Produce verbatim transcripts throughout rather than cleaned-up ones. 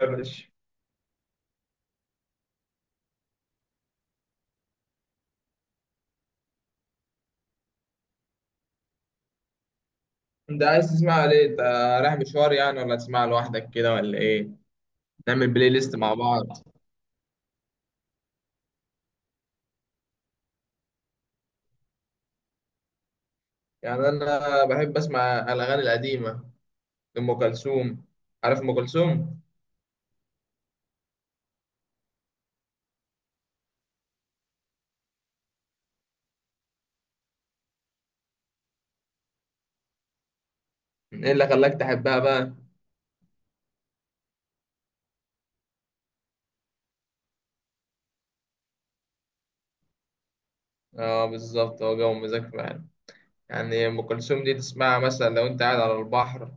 يا باشا. انت عايز تسمع ليه انت؟ رايح مشوار يعني، ولا تسمع لوحدك كده، ولا ايه؟ نعمل بلاي ليست مع بعض. يعني انا بحب اسمع الاغاني القديمه، لام كلثوم. عارف ام كلثوم؟ ايه اللي خلاك تحبها بقى؟ اه، بالظبط هو جو مزاج فعلا. يعني ام كلثوم دي تسمعها مثلا لو انت قاعد على البحر،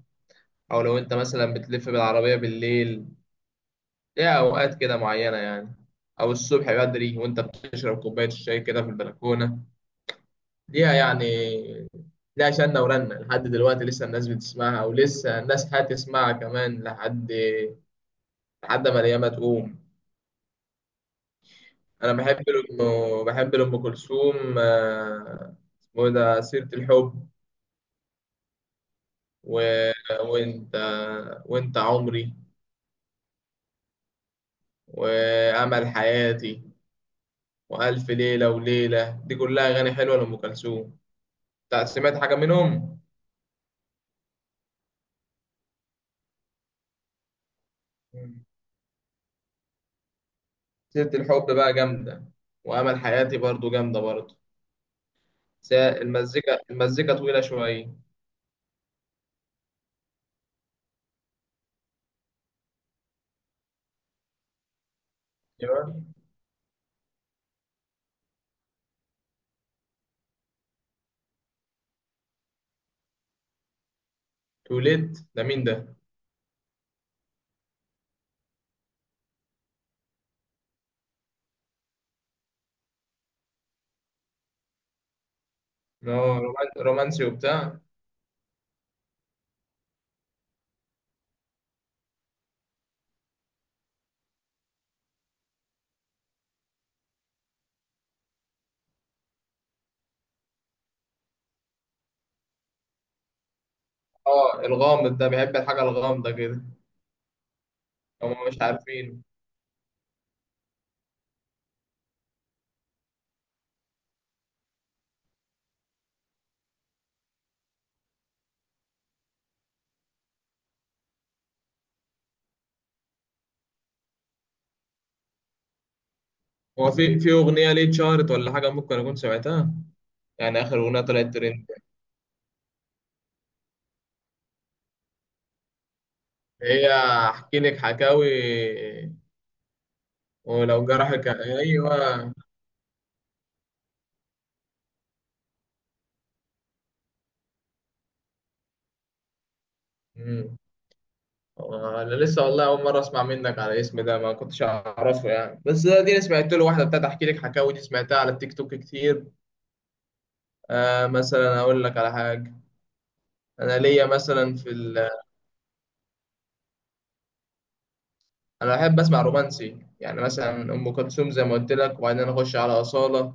او لو انت مثلا بتلف بالعربيه بالليل. ليها اوقات كده معينه يعني، او الصبح بدري وانت بتشرب كوبايه الشاي كده في البلكونه، ليها يعني. ليها شنة ورنة لحد دلوقتي، لسه الناس بتسمعها، ولسه الناس هتسمعها كمان لحد لحد ما الأيام تقوم. أنا بحب لأم بحب لأم كلثوم. آه، اسمه إيه ده؟ سيرة الحب، و... وأنت، وأنت عمري، وأمل حياتي، وألف ليلة وليلة، دي كلها أغاني حلوة لأم كلثوم. تع- سمعت حاجة منهم؟ سيرة الحب بقى جامدة، وأمل حياتي برضو جامدة برضو. بس هي المزيكا المزيكا طويلة شوية. ايوه. توليت ده مين ده؟ إن هو رومان- رومانسي وبتاع. اه، الغامض ده بيحب الحاجة الغامضة كده. هما مش عارفين. هو في في أغنية ليه اتشهرت، ولا حاجة ممكن أكون سمعتها؟ يعني آخر أغنية طلعت ترند. هي أحكي لك حكاوي. ولو جرحك، أيوه. مم. أنا لسه والله أول مرة أسمع منك على الاسم ده، ما كنتش أعرفه يعني، بس دي أنا سمعت له واحدة بتاعت أحكي لك حكاوي دي، سمعتها على التيك توك كتير. آه، مثلا اقول لك على حاجه. انا ليا مثلا في ال... انا بحب اسمع رومانسي يعني، مثلا ام كلثوم زي ما قلت لك، وبعدين اخش على اصاله،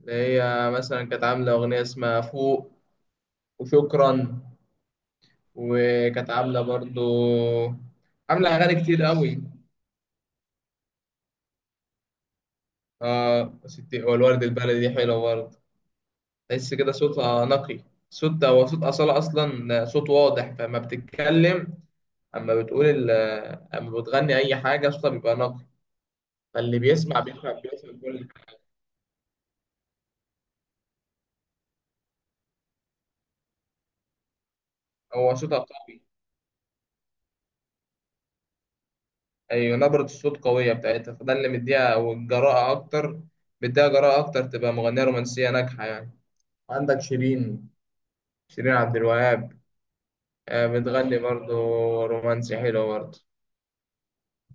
اللي هي مثلا كانت عامله اغنيه اسمها فوق، وشكرا، وكانت عامله برضو، عامله اغاني كتير قوي. اه، ستي والورد البلدي دي حلوه برضه. تحس كده صوتها نقي. صوت، هو صوت اصاله اصلا صوت واضح، فما بتتكلم، اما بتقول ال... اما بتغني اي حاجه صوتها بيبقى نقي، فاللي بيسمع بيفهم بيفهم كل حاجة. هو صوتها قوي. ايوه، نبرة الصوت قوية بتاعتها، فده اللي مديها والجراءة اكتر، مديها جراءة اكتر تبقى مغنية رومانسية ناجحة يعني. عندك شيرين، شيرين عبد الوهاب. آه، بتغني برضه رومانسي حلو برضه.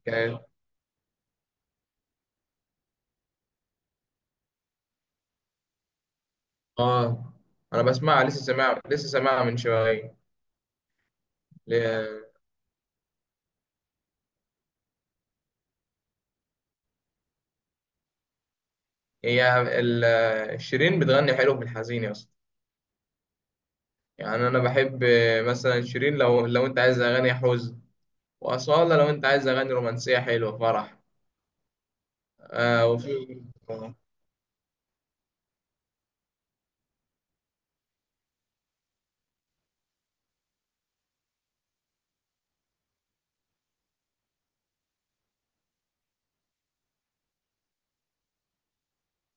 كانت- اه، انا بسمعها لسه، سامعها لسه سامعها من شوية. ل- هي ال- شيرين بتغني حلو في الحزين يا اسطى. يعني انا بحب، آه، مثلا شيرين، لو لو انت عايز اغاني حزن، وأصالة لو أنت عايز أغاني رومانسية حلوة فرح. آه وفي،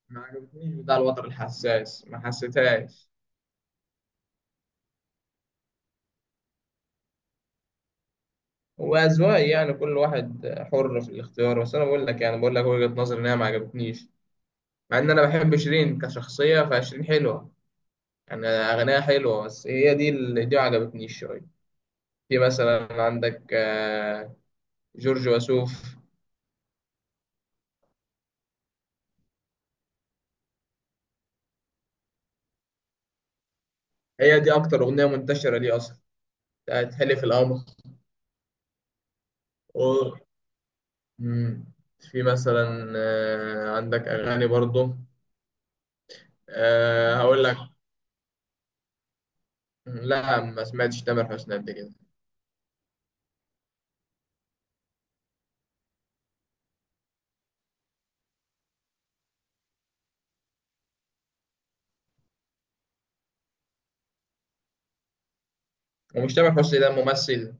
ما عجبتنيش بتاع الوتر الحساس، ما حسيتهاش. هو أذواق يعني، كل واحد حر في الاختيار، بس أنا بقول لك، يعني بقول لك وجهة نظري إن هي ما عجبتنيش، مع إن أنا بحب شيرين كشخصية، فشيرين حلوة يعني، أغانيها حلوة، بس هي دي اللي دي ما عجبتنيش شوية. في مثلا عندك، آه، جورج وسوف. هي دي أكتر أغنية منتشرة ليه أصلا؟ بتاعت حلف القمر. مم. في مثلا، آه، عندك أغاني برضه. آه، هقول لك. لا، ما سمعتش تامر حسني قبل كده. ومش تامر حسني ده ممثل؟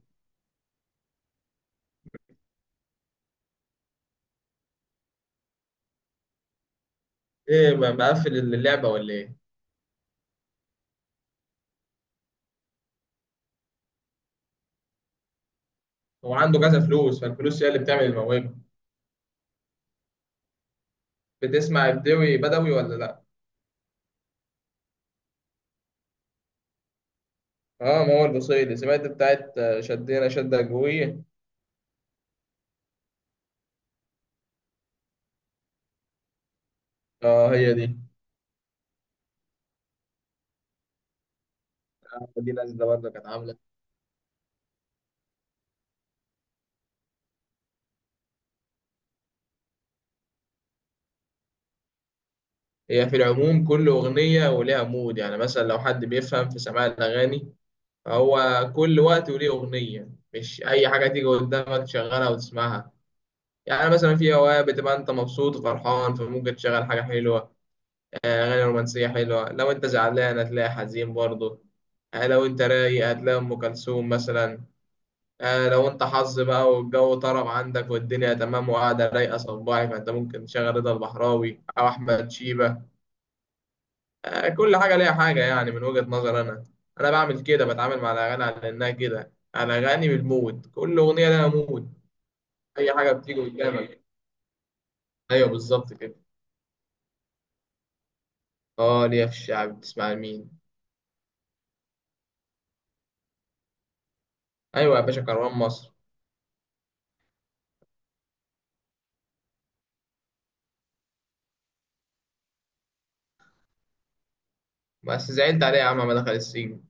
ايه، ما- مقفل اللعبة ولا ايه؟ هو عنده كذا فلوس، فالفلوس هي اللي بتعمل الموهبة. بتسمع بدوي بدوي ولا لا؟ اه، ما هو البصيلي، سمعت بتاعت، آه، شدينا شدة جوية. اه، هي دي. دي نازلة برضه، كانت عاملة. هي في العموم كل أغنية ولها مود، يعني مثلا لو حد بيفهم في سماع الأغاني، هو كل وقت وليه أغنية، مش أي حاجة تيجي قدامك تشغلها وتسمعها. يعني مثلا في أوقات بتبقى أنت مبسوط وفرحان، فممكن تشغل حاجة حلوة، آه، أغاني رومانسية حلوة. لو أنت زعلان هتلاقي حزين برضه. آه، لو أنت رايق هتلاقي أم كلثوم مثلا. آه، لو أنت حظ بقى والجو طرب عندك والدنيا تمام وقاعدة رايقة صباعي، فأنت ممكن تشغل رضا البحراوي أو أحمد شيبة. آه، كل حاجة ليها حاجة، يعني من وجهة نظر أنا. أنا بعمل كده، بتعامل مع الأغاني على إنها كده، الأغاني بالمود، كل أغنية لها مود. أي حاجة بتيجي قدامك. أيوه، بالظبط كده. أه، ليا في الشعب. بتسمع لمين؟ أيوه يا باشا، كروان مصر. بس زعلت عليه يا عم، ما دخل السجن.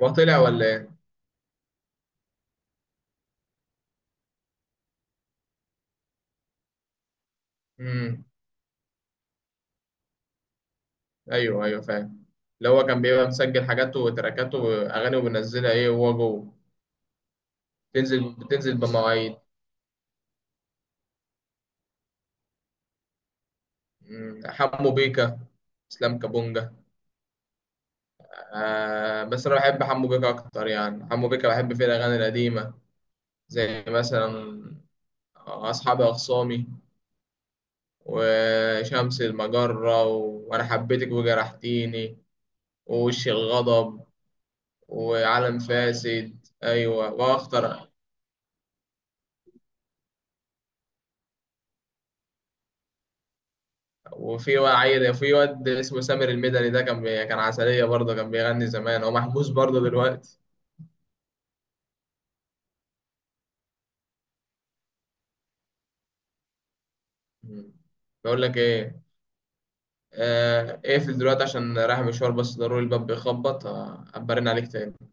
هو طلع ولا إيه؟ أمم. أيوه، أيوه، فاهم. اللي هو كان بيبقى مسجل حاجاته وتراكاته وأغاني وبينزلها، إيه، وهو جوه. بتنزل بتنزل بمواعيد. أمم، حمو بيكا، إسلام كابونجا. آه، بس انا بحب حمو بيكا اكتر، يعني حمو بيكا بحب فيه الاغاني القديمه، زي مثلا اصحابي اخصامي، وشمس المجره، و... وانا حبيتك وجرحتيني، ووش الغضب، وعالم فاسد، ايوه، واخطر. وفي عيل، في واد اسمه سامر المدني، ده كان بي... كان عسليه برضه، كان بيغني زمان، هو محبوس برضه دلوقتي. مم. بقول لك ايه، آه، اقفل دلوقتي عشان رايح مشوار، بس ضروري الباب بيخبط، آه، ابرن عليك تاني.